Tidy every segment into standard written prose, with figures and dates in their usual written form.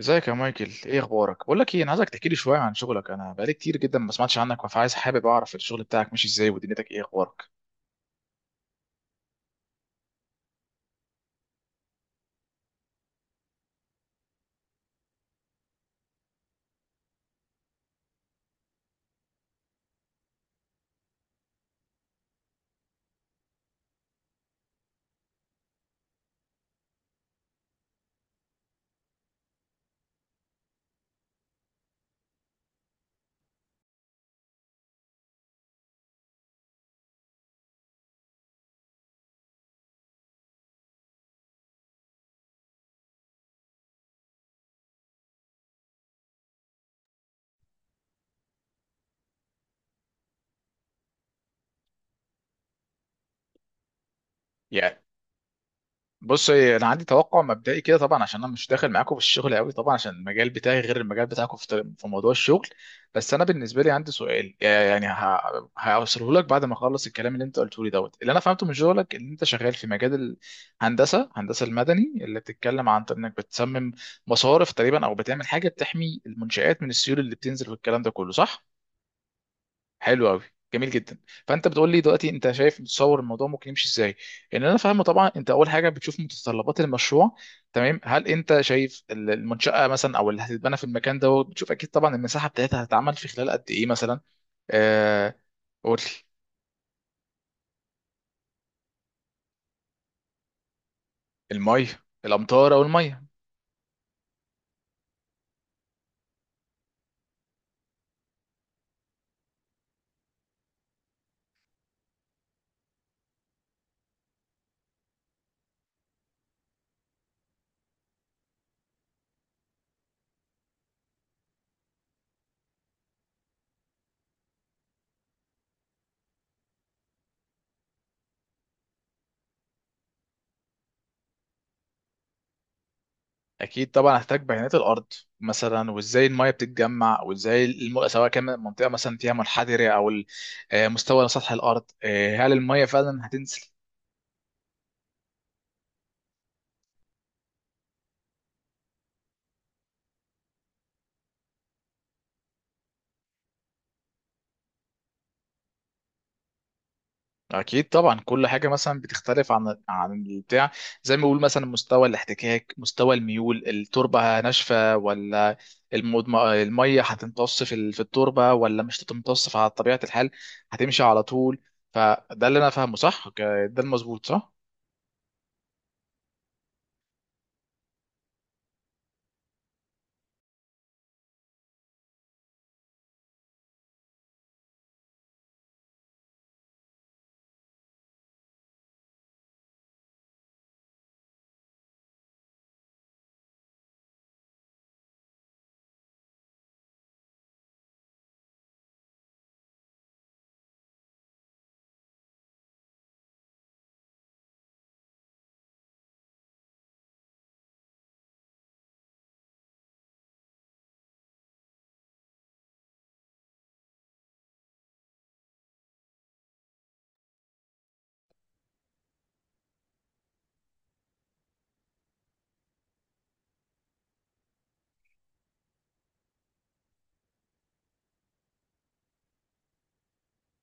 ازيك يا مايكل؟ ايه اخبارك؟ بقول لك ايه، انا عايزك تحكي لي شويه عن شغلك. انا بقالي كتير جدا ما سمعتش عنك، فعايز حابب اعرف الشغل بتاعك ماشي ازاي ودنيتك ايه اخبارك؟ بص، انا عندي توقع مبدئي كده طبعا عشان انا مش داخل معاكم في الشغل قوي، طبعا عشان المجال بتاعي غير المجال بتاعكم في موضوع الشغل. بس انا بالنسبه لي عندي سؤال، يعني هوصله لك بعد ما اخلص الكلام اللي انت قلته لي. دوت اللي انا فهمته من شغلك ان انت شغال في مجال هندسه المدني، اللي بتتكلم عن انك بتصمم مصارف تقريبا او بتعمل حاجه بتحمي المنشآت من السيول اللي بتنزل، والكلام ده كله صح. حلو قوي. جميل جدا. فانت بتقول لي دلوقتي انت شايف متصور الموضوع ممكن يمشي ازاي. ان انا فاهمه طبعا انت اول حاجه بتشوف متطلبات المشروع، تمام. هل انت شايف المنشاه مثلا او اللي هتتبنى في المكان ده، بتشوف اكيد طبعا المساحه بتاعتها هتتعمل في خلال قد ايه مثلا؟ آه، قول لي. الميه. الامطار او الميه. اكيد طبعا هحتاج بيانات الارض مثلا، وازاي الميه بتتجمع، وازاي سواء كان منطقه مثلا فيها منحدره او مستوى سطح الارض، هل الميه فعلا هتنزل. اكيد طبعا كل حاجه مثلا بتختلف عن البتاع. زي ما بيقول مثلا مستوى الاحتكاك، مستوى الميول، التربه ناشفه ولا الميه هتمتص في التربه ولا مش هتمتص؟ على طبيعه الحال هتمشي على طول. فده اللي انا فاهمه، صح؟ ده المظبوط، صح؟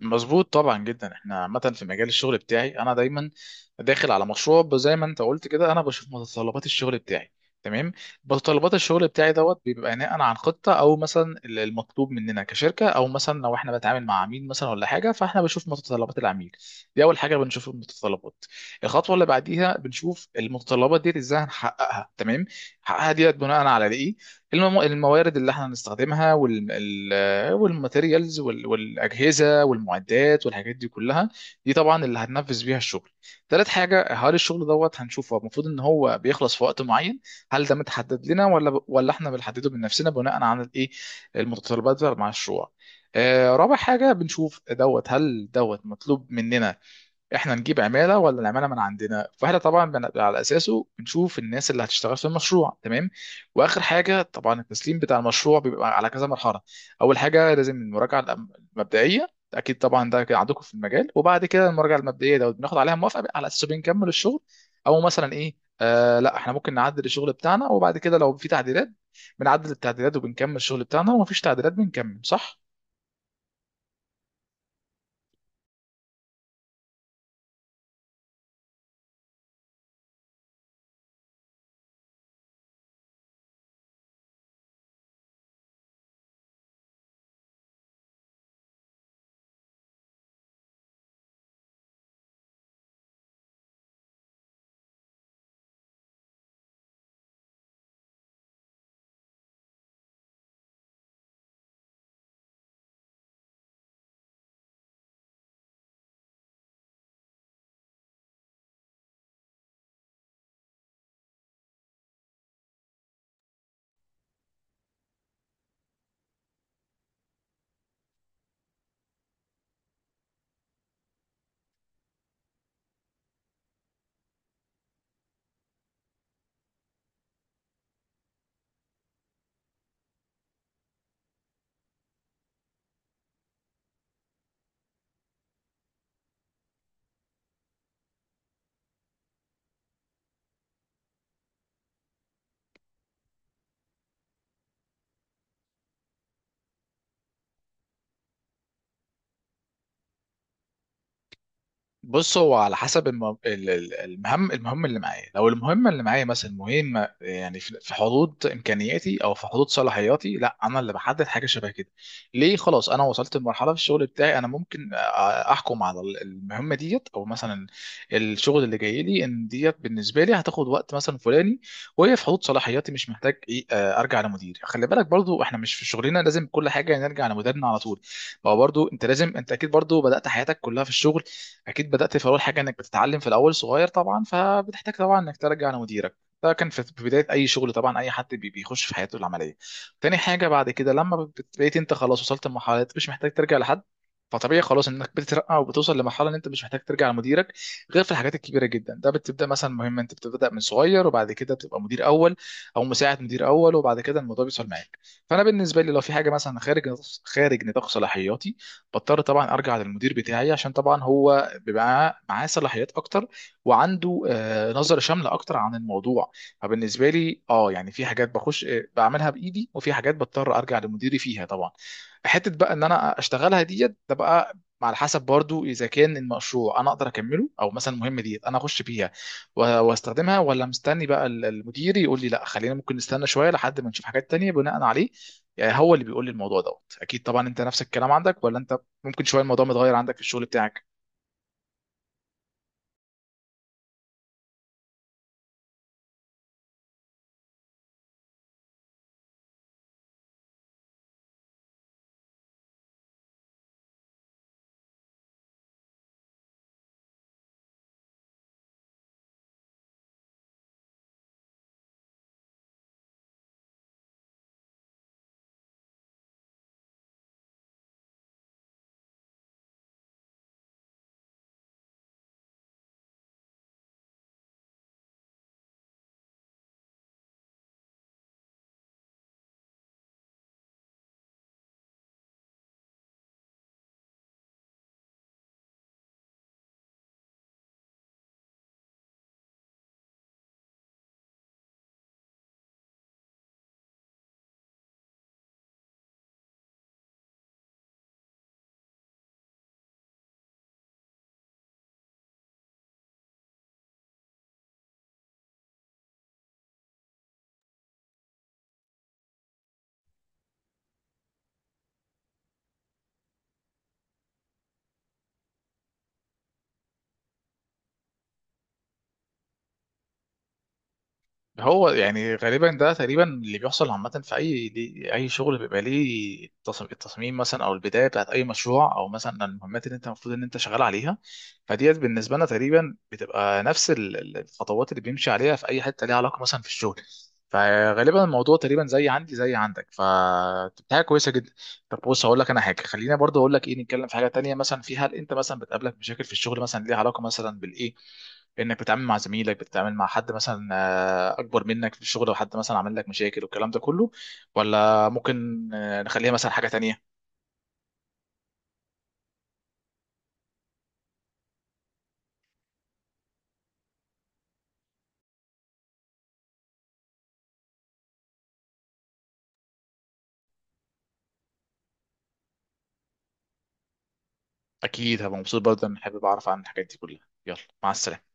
مظبوط طبعا جدا. احنا عامه في مجال الشغل بتاعي انا دايما داخل على مشروع، زي ما انت قلت كده، انا بشوف متطلبات الشغل بتاعي، تمام. متطلبات الشغل بتاعي دوت بيبقى بناء عن خطه، او مثلا المطلوب مننا كشركه، او مثلا لو احنا بنتعامل مع عميل مثلا ولا حاجه، فاحنا بنشوف متطلبات العميل. دي اول حاجه بنشوف المتطلبات. الخطوه اللي بعديها بنشوف المتطلبات دي ازاي هنحققها، تمام. نحققها ديت بناء على ايه؟ الموارد اللي احنا هنستخدمها، والماتيريالز والاجهزه والمعدات والحاجات دي كلها، دي طبعا اللي هننفذ بيها الشغل. تالت حاجه، هل الشغل دوت هنشوفه المفروض ان هو بيخلص في وقت معين؟ هل ده متحدد لنا ولا احنا بنحدده من نفسنا بناء على الايه، المتطلبات بتاع المشروع؟ رابع حاجه بنشوف دوت، هل دوت مطلوب مننا احنا نجيب عماله ولا العماله من عندنا؟ فاحنا طبعا على اساسه بنشوف الناس اللي هتشتغل في المشروع، تمام. واخر حاجه طبعا التسليم بتاع المشروع بيبقى على كذا مرحله. اول حاجه لازم المراجعه المبدئيه، اكيد طبعا ده كده عندكم في المجال. وبعد كده المراجعه المبدئيه ده بناخد عليها موافقه، على اساسه بنكمل الشغل، او مثلا ايه، آه لا، احنا ممكن نعدل الشغل بتاعنا. وبعد كده لو في تعديلات بنعدل التعديلات وبنكمل الشغل بتاعنا، ومفيش تعديلات بنكمل، صح. بص، هو على حسب المهم اللي معايا. لو المهمه اللي معايا مثلا مهمه، يعني في حدود امكانياتي او في حدود صلاحياتي، لا انا اللي بحدد حاجه شبه كده. ليه؟ خلاص انا وصلت لمرحله في الشغل بتاعي انا ممكن احكم على المهمه ديت، او مثلا الشغل اللي جاي لي ان ديت بالنسبه لي هتاخد وقت مثلا فلاني، وهي في حدود صلاحياتي، مش محتاج ايه آه، ارجع لمديري. خلي بالك برضو احنا مش في شغلنا لازم كل حاجه نرجع لمديرنا على طول. ما هو برضو انت لازم، انت اكيد برضو بدأت حياتك كلها في الشغل، اكيد بدات في اول حاجه انك بتتعلم في الاول صغير طبعا، فبتحتاج طبعا انك ترجع لمديرك. ده كان في بدايه اي شغل طبعا، اي حد بيخش في حياته العمليه. تاني حاجه بعد كده لما بقيت انت خلاص وصلت لمرحله مش محتاج ترجع لحد، فطبيعي خلاص انك بتترقى وبتوصل لمرحله ان انت مش محتاج ترجع لمديرك، غير في الحاجات الكبيره جدا. ده بتبدا مثلا مهمه، انت بتبدا من صغير وبعد كده بتبقى مدير اول او مساعد مدير اول، وبعد كده الموضوع بيوصل معاك. فانا بالنسبه لي لو في حاجه مثلا خارج نطاق صلاحياتي، بضطر طبعا ارجع للمدير بتاعي عشان طبعا هو بيبقى معاه صلاحيات اكتر، وعنده نظرة شاملة اكتر عن الموضوع. فبالنسبة لي اه يعني في حاجات بخش بعملها بايدي، وفي حاجات بضطر ارجع لمديري فيها طبعا. حتة بقى ان انا اشتغلها ديت ده بقى على حسب برضو، اذا كان المشروع انا اقدر اكمله، او مثلا المهمه ديت انا اخش فيها واستخدمها، ولا مستني بقى المدير يقول لي لا خلينا، ممكن نستنى شويه لحد ما نشوف حاجات تانية بناء عليه. يعني هو اللي بيقول لي الموضوع دوت. اكيد طبعا انت نفس الكلام عندك، ولا انت ممكن شويه الموضوع متغير عندك في الشغل بتاعك؟ هو يعني غالبا ده تقريبا اللي بيحصل عامه في اي دي اي شغل بيبقى ليه التصميم مثلا، او البدايه بتاعت اي مشروع، او مثلا المهمات اللي انت المفروض ان انت شغال عليها. فديت بالنسبه لنا تقريبا بتبقى نفس الخطوات اللي بيمشي عليها في اي حته ليها علاقه مثلا في الشغل. فغالبا الموضوع تقريبا زي عندي زي عندك، فبتاعه كويسه جدا. طب بص، هقول لك انا حاجه، خلينا برضه اقول لك ايه، نتكلم في حاجه تانيه مثلا. في، هل انت مثلا بتقابلك مشاكل في الشغل مثلا ليها علاقه مثلا بالايه، انك بتتعامل مع زميلك، بتتعامل مع حد مثلا اكبر منك في الشغل، او حد مثلا عامل لك مشاكل والكلام ده كله؟ ولا ممكن نخليها مثلا حاجة تانية؟ اكيد هبقى مبسوط برضه ان حابب اعرف عن الحاجات دي كلها. يلا، مع السلامة.